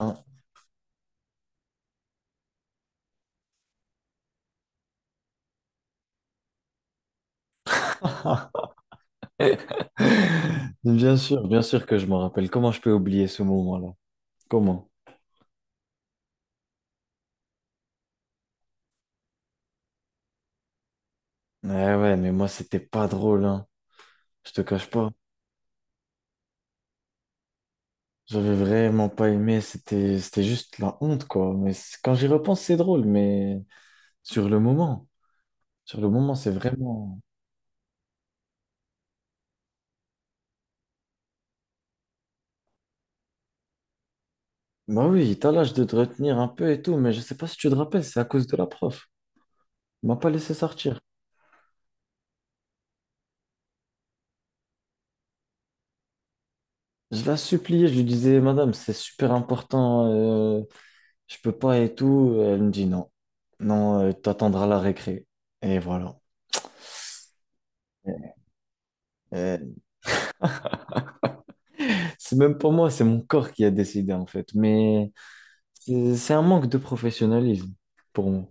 Hein. Bien sûr que je m'en rappelle. Comment je peux oublier ce moment-là? Comment? Ouais, ouais, mais moi, c'était pas drôle, hein. Je te cache pas. J'avais vraiment pas aimé. C'était juste la honte, quoi. Mais quand j'y repense, c'est drôle, mais sur le moment, sur le moment, c'est vraiment. Bah oui, t'as l'âge de te retenir un peu et tout, mais je sais pas si tu te rappelles, c'est à cause de la prof. Elle m'a pas laissé sortir. Je la suppliais, je lui disais, Madame, c'est super important. Je peux pas et tout. Elle me dit non. Non, t'attendras la récré. Et voilà. Euh, c'est même pas moi, c'est mon corps qui a décidé en fait. Mais c'est un manque de professionnalisme pour moi.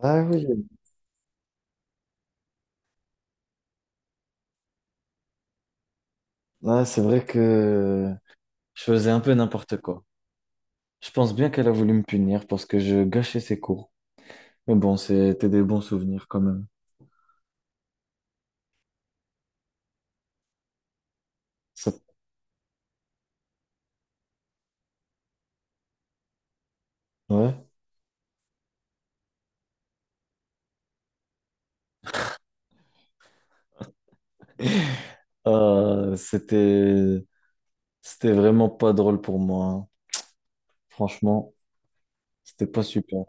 Ah oui. Ah, c'est vrai que je faisais un peu n'importe quoi. Je pense bien qu'elle a voulu me punir parce que je gâchais ses cours. Mais bon, c'était des bons souvenirs quand même. Ça- Ouais. Euh, c'était c'était vraiment pas drôle pour moi, hein. Franchement, c'était pas super.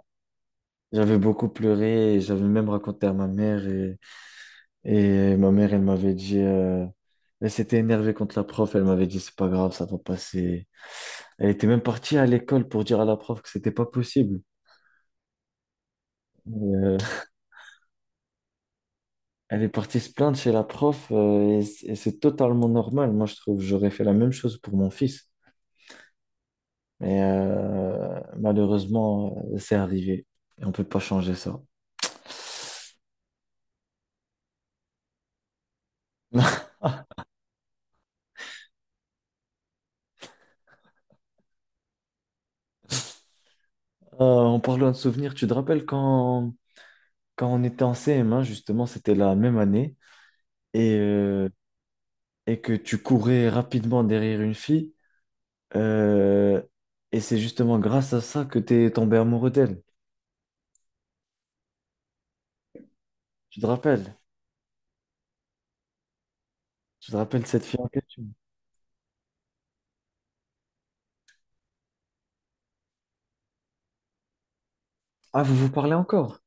J'avais beaucoup pleuré, et j'avais même raconté à ma mère, et ma mère, elle m'avait dit, elle s'était énervée contre la prof, elle m'avait dit, c'est pas grave, ça va passer. Elle était même partie à l'école pour dire à la prof que c'était pas possible. Euh, elle est partie se plaindre chez la prof, et, et c'est totalement normal. Moi, je trouve, j'aurais fait la même chose pour mon fils. Mais malheureusement, c'est arrivé et on peut pas changer ça. En parlant de souvenirs, tu te rappelles quand on était en CM1, justement, c'était la même année, et, euh, et que tu courais rapidement derrière une fille, euh, et c'est justement grâce à ça que tu es tombé amoureux d'elle. Tu te rappelles? Tu te rappelles cette fille en question? Ah, vous vous parlez encore?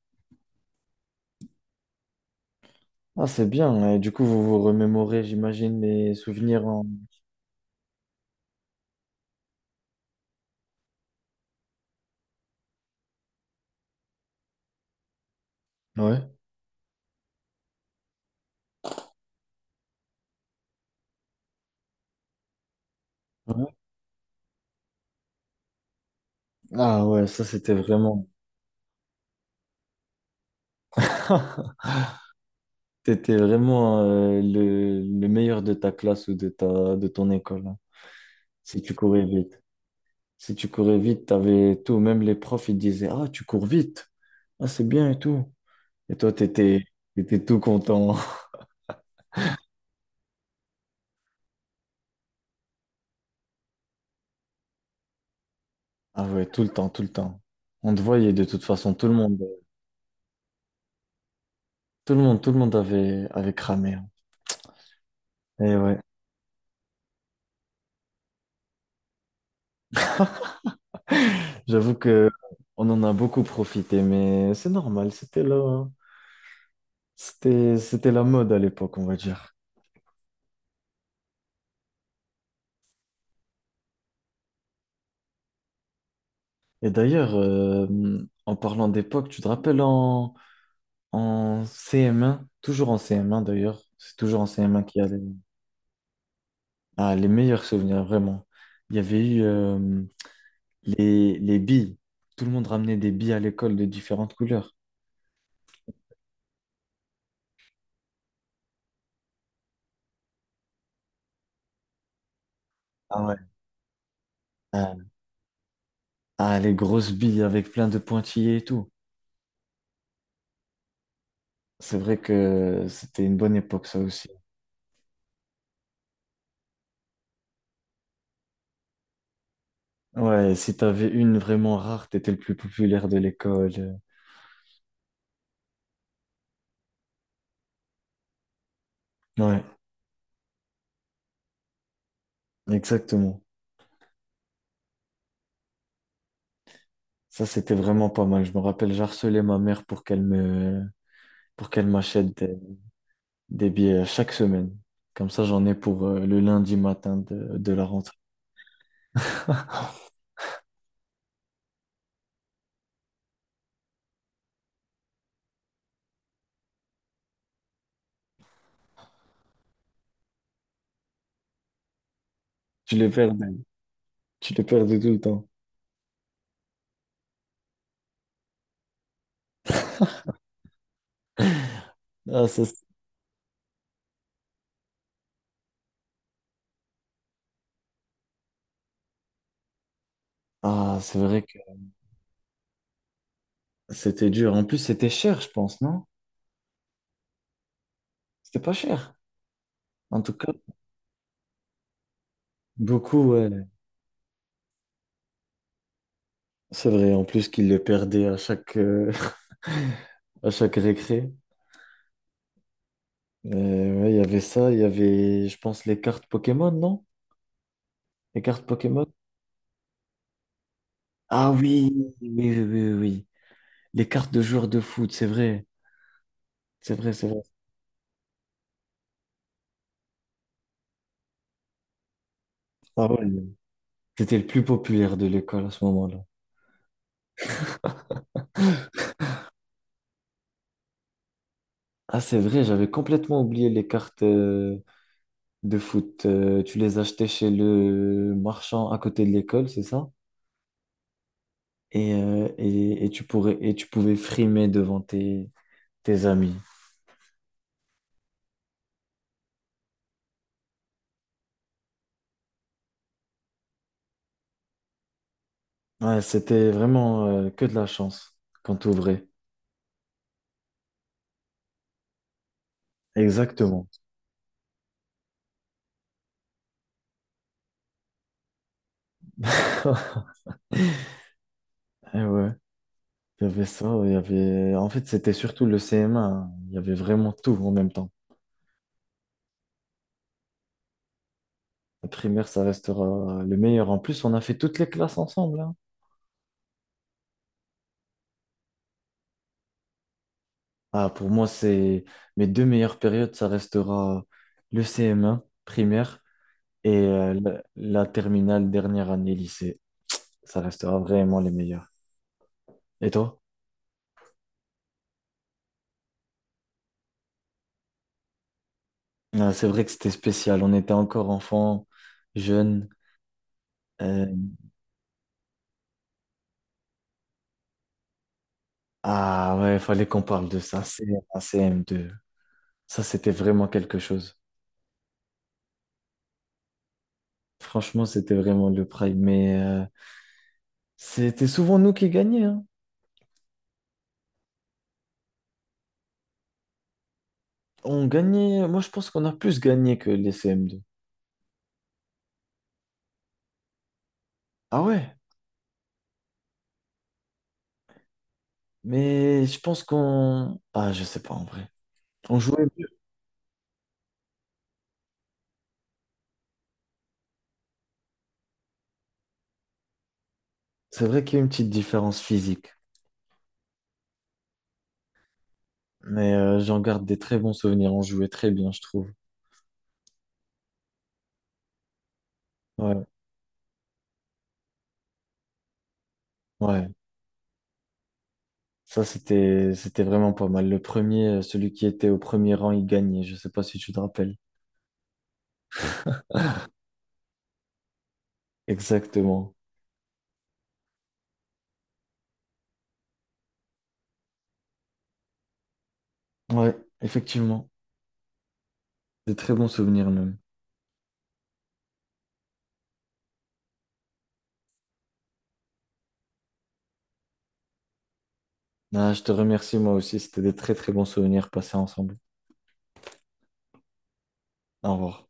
Ah, c'est bien, hein. Et du coup, vous vous remémorez, j'imagine, les souvenirs en... Ouais. Ouais. Ah ouais, ça c'était vraiment... T'étais vraiment le meilleur de ta classe ou de de ton école, hein, si tu courais vite. Si tu courais vite, t'avais tout. Même les profs, ils disaient, Ah, tu cours vite. Ah, c'est bien et tout. Et toi, t'étais tout content. Ah ouais, tout le temps. On te voyait de toute façon, tout le monde avait cramé, hein. Et ouais, j'avoue que on en a beaucoup profité, mais c'est normal, c'était la mode à l'époque, on va dire. Et d'ailleurs, en parlant d'époque, tu te rappelles en CM1, toujours en CM1 d'ailleurs, c'est toujours en CM1 qu'il y a Ah, les meilleurs souvenirs, vraiment. Il y avait eu les billes. Tout le monde ramenait des billes à l'école de différentes couleurs. Ah ouais. Ah, ah, les grosses billes avec plein de pointillés et tout. C'est vrai que c'était une bonne époque, ça aussi. Ouais, si t'avais une vraiment rare, t'étais le plus populaire de l'école. Ouais, exactement. Ça, c'était vraiment pas mal. Je me rappelle, j'harcelais ma mère pour qu'elle m'achète des billets chaque semaine. Comme ça, j'en ai pour le lundi matin de la rentrée. Tu les perdais. Tu les perdais tout le temps. Ah, ça, c'est ah, c'est vrai que c'était dur. En plus, c'était cher, je pense, non? C'était pas cher. En tout cas, beaucoup, ouais. C'est vrai, en plus qu'ils le perdaient à chaque, à chaque récré. Ouais, il y avait ça, il y avait, je pense, les cartes Pokémon, non? Les cartes Pokémon? Ah oui, oui, oui, oui, oui. Les cartes de joueurs de foot, c'est vrai. C'est vrai, c'est vrai. Ah ouais. C'était le plus populaire de l'école à ce moment-là. Ah, c'est vrai, j'avais complètement oublié les cartes, de foot. Tu les achetais chez le marchand à côté de l'école, c'est ça? Et, et tu pourrais, et tu pouvais frimer devant tes amis. Ouais, c'était vraiment que de la chance quand t'ouvrais. Exactement. Et ouais, il y avait ça, il y avait... En fait, c'était surtout le CM1, hein. Il y avait vraiment tout en même temps. La primaire, ça restera le meilleur. En plus, on a fait toutes les classes ensemble, hein. Ah, pour moi, c'est mes deux meilleures périodes, ça restera le CM1, primaire, et la terminale, dernière année lycée, ça restera vraiment les meilleurs. Et toi? Ah, c'est vrai que c'était spécial. On était encore enfants, jeunes. euh, Ah ouais, fallait qu'on parle de ça. CM1, CM2. Ça, c'était vraiment quelque chose. Franchement, c'était vraiment le prime. Mais c'était souvent nous qui gagnions, hein. On gagnait. Moi, je pense qu'on a plus gagné que les CM2. Ah ouais, mais je pense qu'on. Ah, je sais pas en vrai. On jouait mieux. C'est vrai qu'il y a une petite différence physique. Mais j'en garde des très bons souvenirs. On jouait très bien, je trouve. Ouais, ouais. Ça, c'était vraiment pas mal. Le premier, celui qui était au premier rang, il gagnait. Je sais pas si tu te rappelles. Exactement. Ouais, effectivement. Des très bons souvenirs même. Ah, je te remercie moi aussi. C'était des très très bons souvenirs passés ensemble. Au revoir.